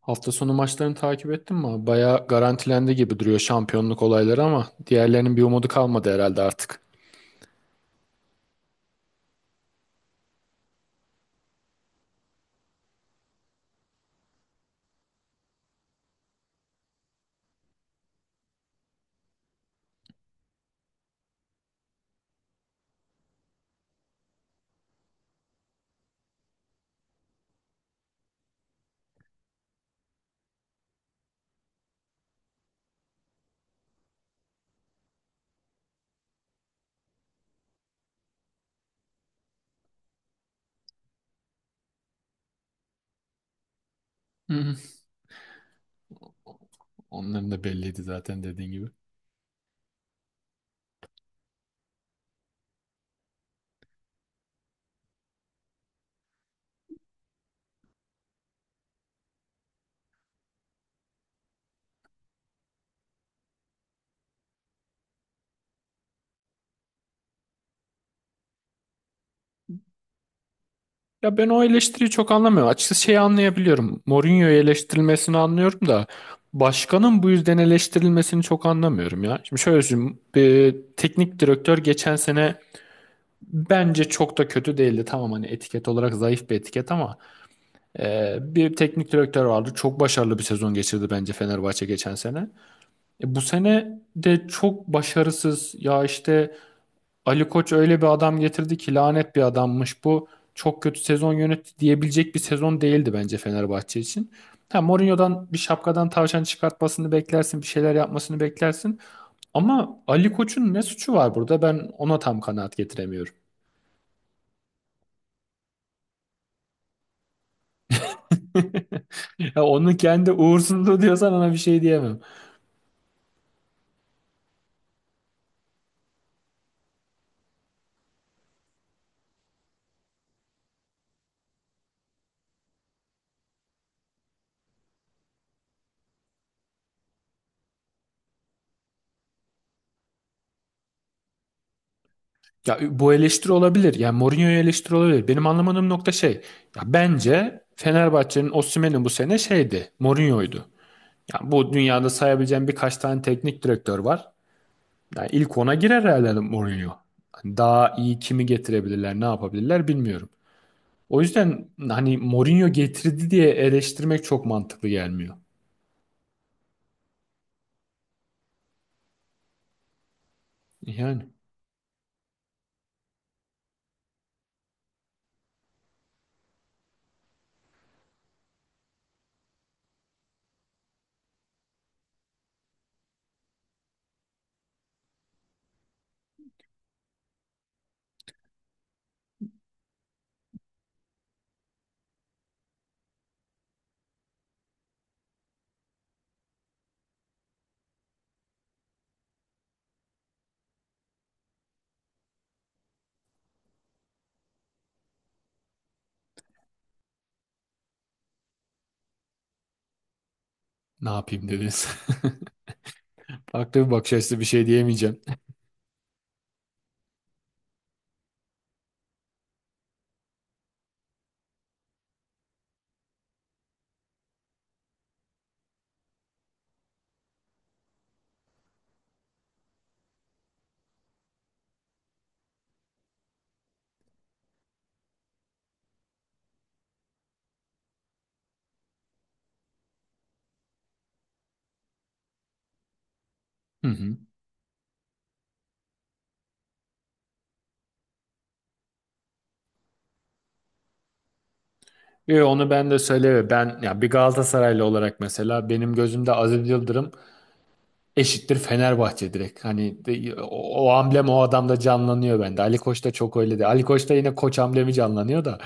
Hafta sonu maçlarını takip ettin mi, abi? Bayağı garantilendi gibi duruyor şampiyonluk olayları, ama diğerlerinin bir umudu kalmadı herhalde artık. Hı hı. Onların da belliydi zaten, dediğin gibi. Ya ben o eleştiriyi çok anlamıyorum. Açıkçası şeyi anlayabiliyorum. Mourinho'yu eleştirilmesini anlıyorum da başkanın bu yüzden eleştirilmesini çok anlamıyorum ya. Şimdi şöyle söyleyeyim. Bir teknik direktör geçen sene bence çok da kötü değildi. Tamam, hani etiket olarak zayıf bir etiket ama bir teknik direktör vardı. Çok başarılı bir sezon geçirdi bence Fenerbahçe geçen sene. Bu sene de çok başarısız. Ya işte Ali Koç öyle bir adam getirdi ki lanet bir adammış bu. Çok kötü sezon yönetti diyebilecek bir sezon değildi bence Fenerbahçe için. Ha, Mourinho'dan bir şapkadan tavşan çıkartmasını beklersin, bir şeyler yapmasını beklersin. Ama Ali Koç'un ne suçu var burada? Ben ona tam kanaat getiremiyorum. Ya onun kendi uğursuzluğu diyorsan ona bir şey diyemem. Ya bu eleştiri olabilir. Yani Mourinho'ya eleştiri olabilir. Benim anlamadığım nokta şey. Ya bence Fenerbahçe'nin Osimhen'in bu sene şeydi. Mourinho'ydu. Ya bu dünyada sayabileceğim birkaç tane teknik direktör var. Yani ilk ona girer herhalde Mourinho. Hani daha iyi kimi getirebilirler, ne yapabilirler bilmiyorum. O yüzden hani Mourinho getirdi diye eleştirmek çok mantıklı gelmiyor. Yani ne yapayım dediniz? Farklı bir bakış açısı, bir şey diyemeyeceğim. Hı hı. Yo, onu ben de söyleyeyim. Ben ya bir Galatasaraylı olarak mesela benim gözümde Aziz Yıldırım eşittir Fenerbahçe, direkt. Hani o, o amblem o adamda canlanıyor bende. Ali Koç da çok öyle değil. Ali Koç'ta yine Koç amblemi canlanıyor da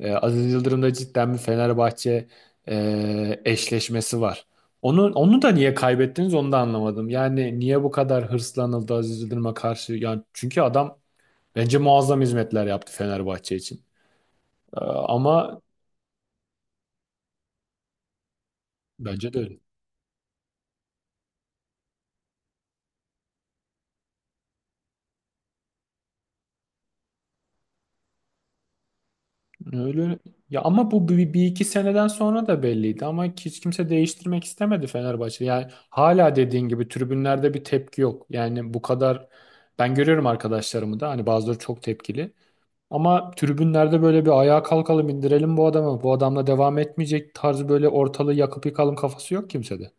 Aziz Yıldırım'da cidden bir Fenerbahçe eşleşmesi var. Onu da niye kaybettiniz, onu da anlamadım. Yani niye bu kadar hırslanıldı Aziz Yıldırım'a karşı? Yani çünkü adam bence muazzam hizmetler yaptı Fenerbahçe için. Ama bence de öyle. Öyle. Ya ama bu bir iki seneden sonra da belliydi, ama hiç kimse değiştirmek istemedi Fenerbahçe. Yani hala dediğin gibi tribünlerde bir tepki yok. Yani bu kadar, ben görüyorum arkadaşlarımı da, hani bazıları çok tepkili. Ama tribünlerde böyle bir ayağa kalkalım, indirelim bu adamı, bu adamla devam etmeyecek tarzı, böyle ortalığı yakıp yıkalım kafası yok kimsede.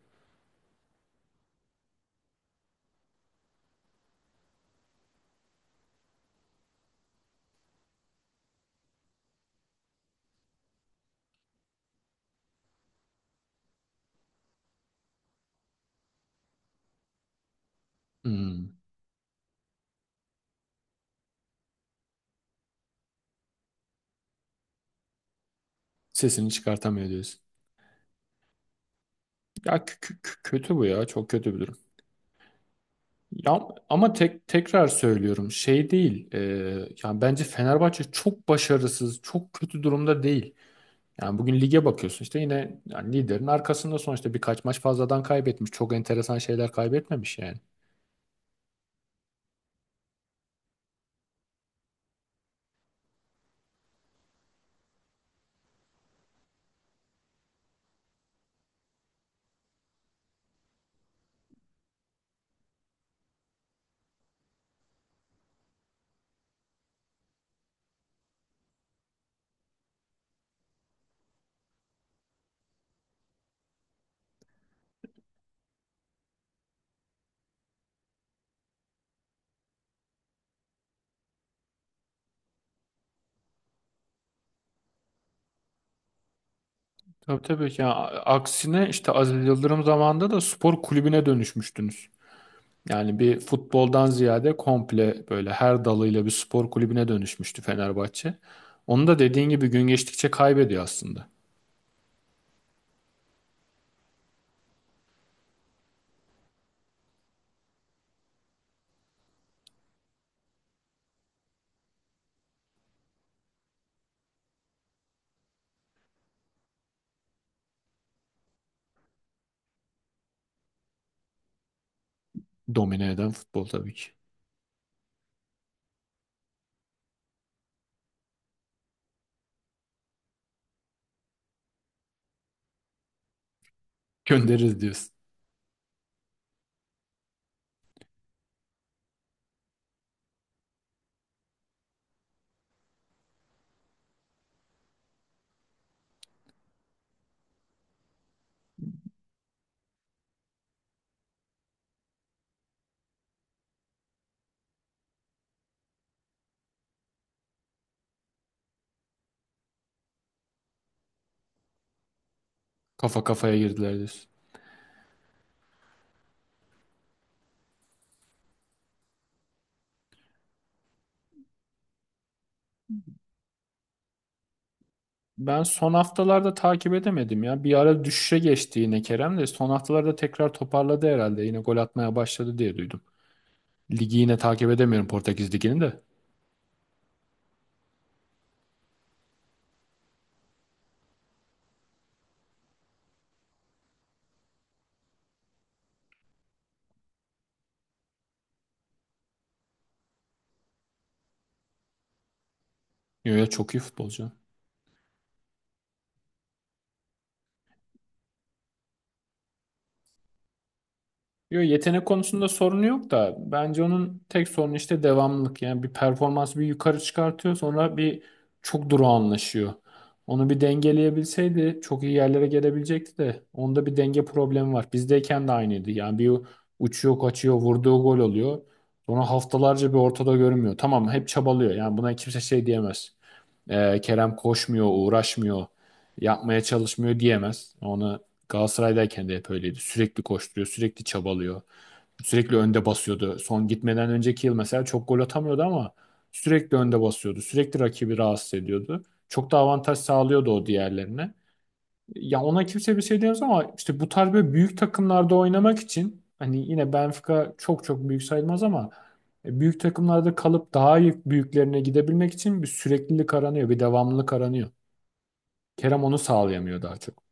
Hmm. Sesini çıkartamıyor diyorsun. Ya kötü bu ya. Çok kötü bir durum. Ya ama tekrar söylüyorum, şey değil. Yani bence Fenerbahçe çok başarısız, çok kötü durumda değil. Yani bugün lige bakıyorsun, işte yine yani liderin arkasında sonuçta birkaç maç fazladan kaybetmiş. Çok enteresan şeyler kaybetmemiş yani. Tabii, tabii ya, aksine işte Aziz Yıldırım zamanında da spor kulübüne dönüşmüştünüz. Yani bir futboldan ziyade komple böyle her dalıyla bir spor kulübüne dönüşmüştü Fenerbahçe. Onu da dediğin gibi gün geçtikçe kaybediyor aslında. Domine eden futbol tabii ki. Göndeririz diyorsun. Kafa kafaya girdiler diyorsun. Ben son haftalarda takip edemedim ya. Bir ara düşüşe geçti yine, Kerem de son haftalarda tekrar toparladı herhalde. Yine gol atmaya başladı diye duydum. Ligi yine takip edemiyorum, Portekiz Ligi'ni de. Yo ya, çok iyi futbolcu. Yo, yetenek konusunda sorunu yok da, bence onun tek sorunu işte devamlılık. Yani bir performansı bir yukarı çıkartıyor, sonra bir çok durağanlaşıyor. Onu bir dengeleyebilseydi çok iyi yerlere gelebilecekti de onda bir denge problemi var. Bizdeyken de aynıydı. Yani bir uçuyor kaçıyor, vurduğu gol oluyor. Sonra haftalarca bir ortada görünmüyor. Tamam, hep çabalıyor, yani buna kimse şey diyemez. Kerem koşmuyor, uğraşmıyor, yapmaya çalışmıyor diyemez. Onu Galatasaray'dayken de hep öyleydi. Sürekli koşturuyor, sürekli çabalıyor. Sürekli önde basıyordu. Son gitmeden önceki yıl mesela çok gol atamıyordu ama sürekli önde basıyordu. Sürekli rakibi rahatsız ediyordu. Çok da avantaj sağlıyordu o, diğerlerine. Ya ona kimse bir şey diyemez ama işte bu tarz böyle büyük takımlarda oynamak için, hani yine Benfica çok çok büyük sayılmaz ama büyük takımlarda kalıp daha iyi büyüklerine gidebilmek için bir süreklilik aranıyor, bir devamlılık aranıyor. Kerem onu sağlayamıyor daha çok.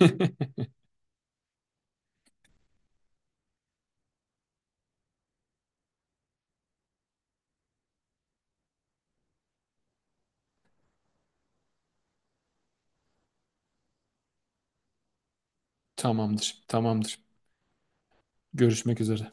Tamamdır, tamamdır. Görüşmek üzere.